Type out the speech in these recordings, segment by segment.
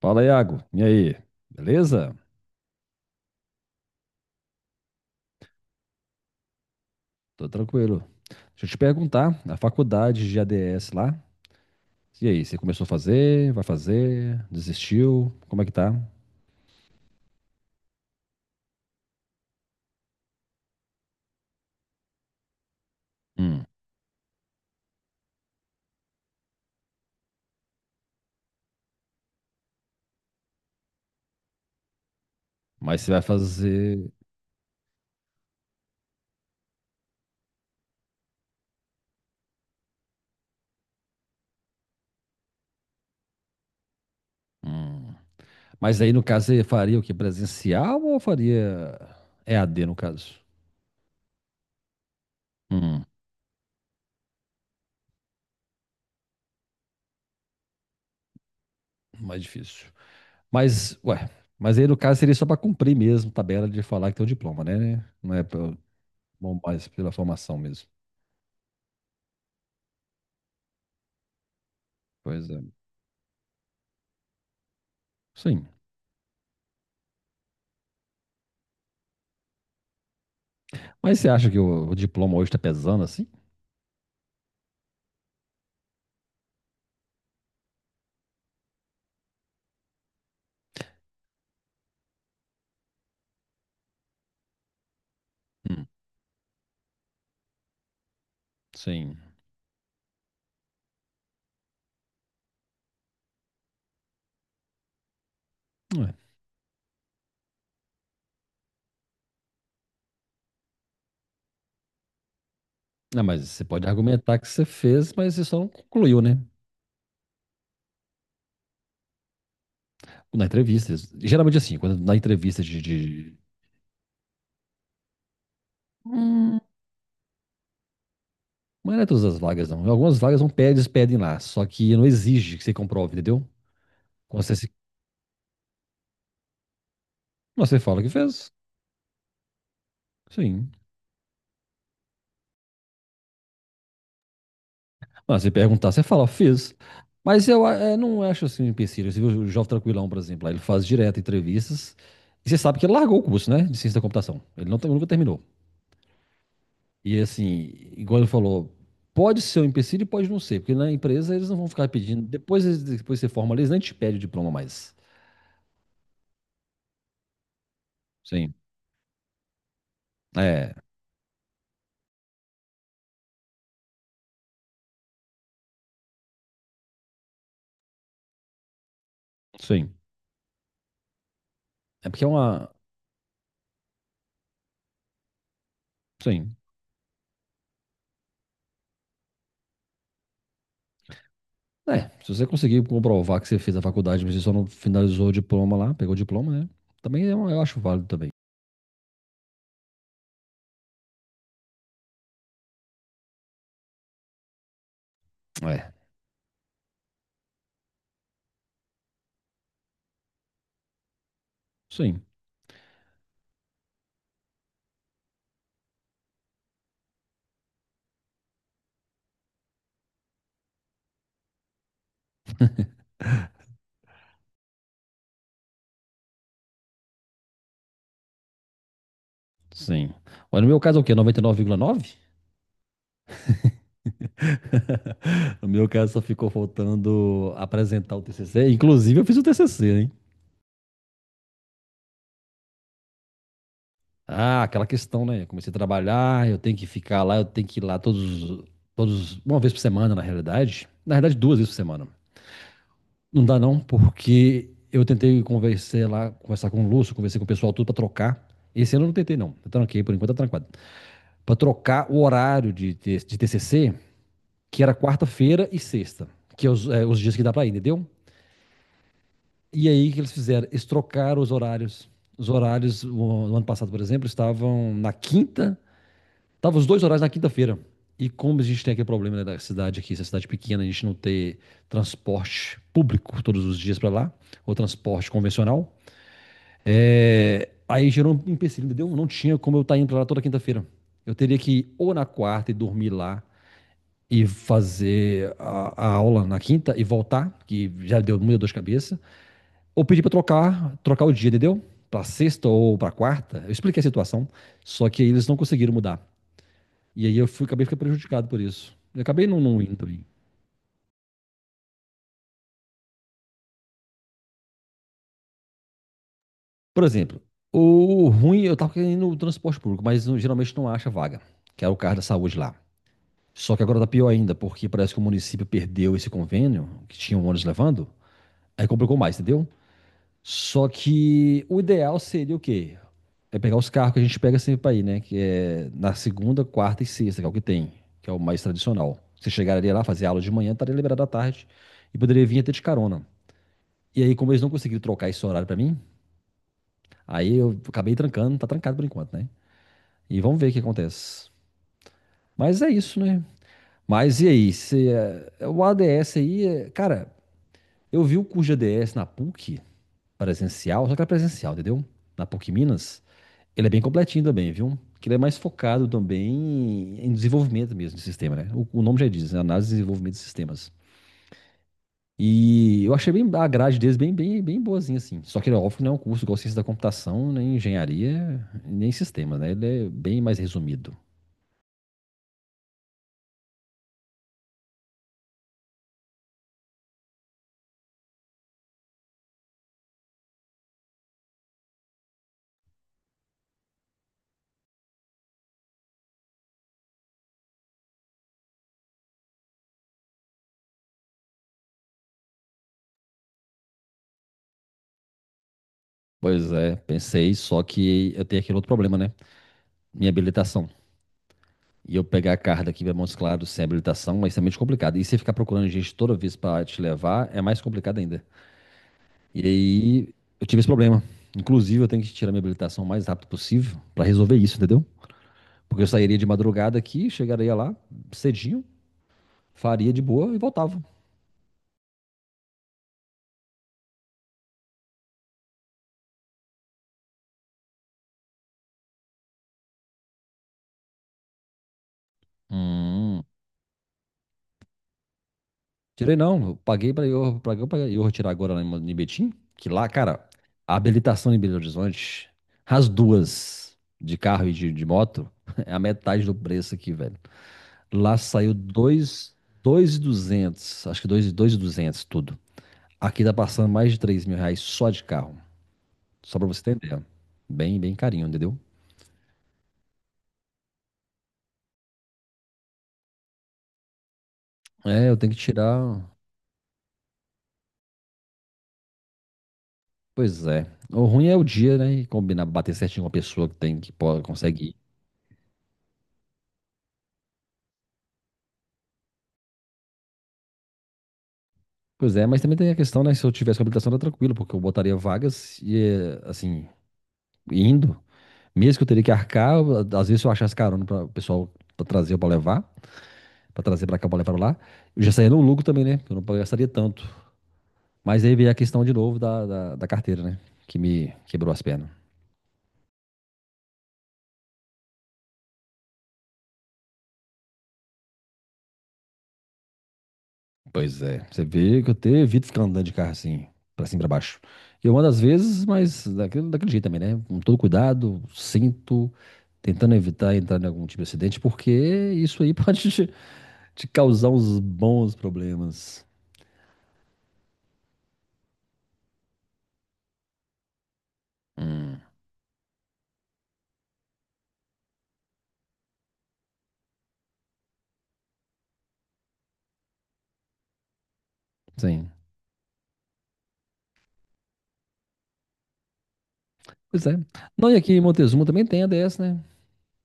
Fala, Iago. E aí? Beleza? Tô tranquilo. Deixa eu te perguntar, a faculdade de ADS lá, e aí, você começou a fazer, vai fazer, desistiu, como é que tá? Hum, mas você vai fazer... Hum. Mas aí, no caso, você faria o quê? Presencial ou faria E a d no caso? Hum, Mais difícil. Mas, ué, mas aí, no caso, seria só pra cumprir mesmo tabela de falar que tem o diploma, né? Não é pra- bom, mais pela formação mesmo. Pois é. Sim. Mas você acha que o diploma hoje está pesando assim? Hum, sim. Ué. Não, mas você pode argumentar que você fez, mas você só não concluiu, né? Na entrevista. Geralmente assim, quando na entrevista de. Hum. Mas não é todas as vagas, não. Algumas vagas não pedem, eles pedem lá. Só que não exige que você comprove, entendeu? Quando você, se... Mas você fala que fez. Sim. Mas se perguntar, você fala, fiz. Mas eu não acho assim um empecilho. Você viu o Jovem Tranquilão, por exemplo, lá, ele faz direto entrevistas. E você sabe que ele largou o curso, né? De ciência da computação. Ele não, nunca terminou. E assim, igual ele falou, pode ser um empecilho e pode não ser, porque na empresa eles não vão ficar pedindo. Depois, depois que você forma, eles nem te pedem o diploma mais. Sim. É, sim. É porque é uma. Sim. É, se você conseguir comprovar que você fez a faculdade, mas você só não finalizou o diploma lá, pegou o diploma, né? Também é eu acho válido também. É, sim, sim. Mas no meu caso é o quê? 99,9? No meu caso só ficou faltando apresentar o TCC. Inclusive eu fiz o TCC. Ah, aquela questão, né? Eu comecei a trabalhar, eu tenho que ficar lá, eu tenho que ir lá todos, todos, uma vez por semana, na realidade. Na realidade, duas vezes por semana. Não dá não, porque eu tentei conversar lá, conversar com o Lúcio, conversei com o pessoal tudo pra trocar. Esse ano eu não tentei não, eu tranquei, por enquanto tá trancado. Pra trocar o horário de TCC, que era quarta-feira e sexta, que é os dias que dá pra ir, entendeu? E aí, o que eles fizeram? Eles trocaram os horários. Os horários, no ano passado, por exemplo, estavam na quinta. Tava os dois horários na quinta-feira. E como a gente tem aquele problema, né, da cidade aqui, essa cidade pequena, a gente não ter transporte público todos os dias para lá, ou transporte convencional, aí gerou um empecilho, entendeu? Não tinha como eu estar indo pra lá toda quinta-feira. Eu teria que ir ou na quarta e dormir lá e fazer a aula na quinta e voltar, que já deu muita dor de cabeça, ou pedir para trocar, trocar o dia, entendeu? Para sexta ou para quarta. Eu expliquei a situação, só que eles não conseguiram mudar. E aí eu fui, acabei ficando prejudicado por isso. Eu acabei não, não indo também. Por exemplo, o ruim, eu tava querendo o transporte público, mas geralmente não acha vaga, que era o carro da saúde lá. Só que agora tá pior ainda, porque parece que o município perdeu esse convênio, que tinha um ônibus levando, aí complicou mais, entendeu? Só que o ideal seria o quê? É pegar os carros que a gente pega sempre pra ir, né? Que é na segunda, quarta e sexta, que é o que tem, que é o mais tradicional. Você chegaria lá, fazer aula de manhã, estaria liberado à tarde e poderia vir até de carona. E aí, como eles não conseguiram trocar esse horário pra mim, aí eu acabei trancando, tá trancado por enquanto, né? E vamos ver o que acontece. Mas é isso, né? Mas e aí? Se, o ADS aí, cara, eu vi o curso de ADS na PUC presencial, só que era presencial, entendeu? Na PUC Minas, ele é bem completinho também, viu? Que ele é mais focado também em desenvolvimento mesmo de sistema, né? O nome já diz, né? Análise e desenvolvimento de sistemas. E eu achei bem a grade deles bem, bem, bem boazinha, assim. Só que, óbvio, que não é um curso igual ciência da computação, nem engenharia, nem sistemas, né? Ele é bem mais resumido. Pois é, pensei, só que eu tenho aquele outro problema, né? Minha habilitação. E eu pegar a carta aqui para Montes Claros sem habilitação é extremamente complicado. E você ficar procurando gente toda vez para te levar é mais complicado ainda. E aí eu tive esse problema. Inclusive, eu tenho que tirar minha habilitação o mais rápido possível para resolver isso, entendeu? Porque eu sairia de madrugada aqui, chegaria lá cedinho, faria de boa e voltava. Hum. Tirei não, eu paguei pra eu retirar agora lá em Betim, que lá, cara, a habilitação em Belo Horizonte, as duas, de carro e de moto, é a metade do preço aqui, velho. Lá saiu dois, dois e duzentos, acho que dois, dois e duzentos tudo. Aqui tá passando mais de R$ 3.000 só de carro, só pra você entender. Bem, bem carinho, entendeu? É, eu tenho que tirar. Pois é. O ruim é o dia, né? E combinar, bater certinho com a pessoa que tem, que pode, consegue ir. Pois é, mas também tem a questão, né? Se eu tivesse com habilitação, era tranquilo, porque eu botaria vagas e, assim, indo. Mesmo que eu teria que arcar, às vezes se eu achasse carona para o pessoal pra trazer ou pra levar, pra trazer pra cá ou pra levar pra lá, eu já saía no lucro também, né? Eu não gastaria tanto. Mas aí veio a questão de novo da carteira, né? Que me quebrou as pernas. Pois é, você vê que eu te evito ficar andando de carro assim, pra cima e pra baixo. Eu ando às vezes, mas daquele jeito também, né? Com todo cuidado, sinto tentando evitar entrar em algum tipo de acidente, porque isso aí pode te causar uns bons problemas. Hum, sim. Pois é. Não, e aqui em Montezuma também tem a DS, né?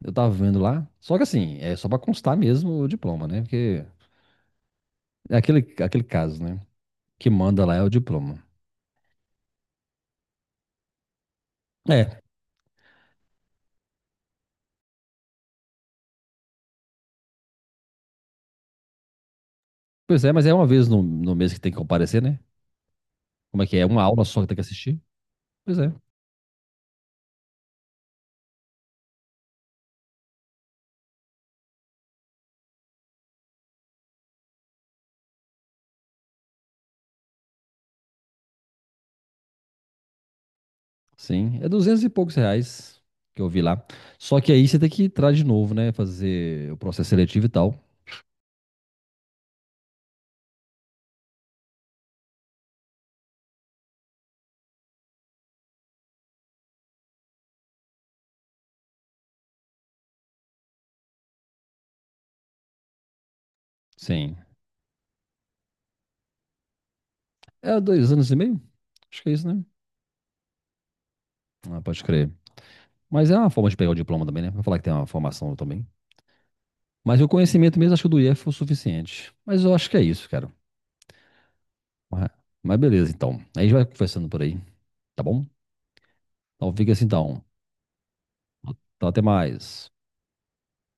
Eu tava vendo lá. Só que assim, é só pra constar mesmo o diploma, né? Porque é aquele caso, né? Que manda lá é o diploma. É, pois é, mas é uma vez no mês que tem que comparecer, né? Como é que é? Uma aula só que tem que assistir? Pois é. Sim, é duzentos e poucos reais que eu vi lá. Só que aí você tem que entrar de novo, né? Fazer o processo seletivo e tal. Sim. É 2 anos e meio? Acho que é isso, né? Ah, pode crer. Mas é uma forma de pegar o diploma também, né? Vou falar que tem uma formação também. Mas o conhecimento mesmo, acho que o do IF foi o suficiente. Mas eu acho que é isso, cara. Mas beleza, então. Aí a gente vai conversando por aí, tá bom? Então fica assim, então. Então até mais.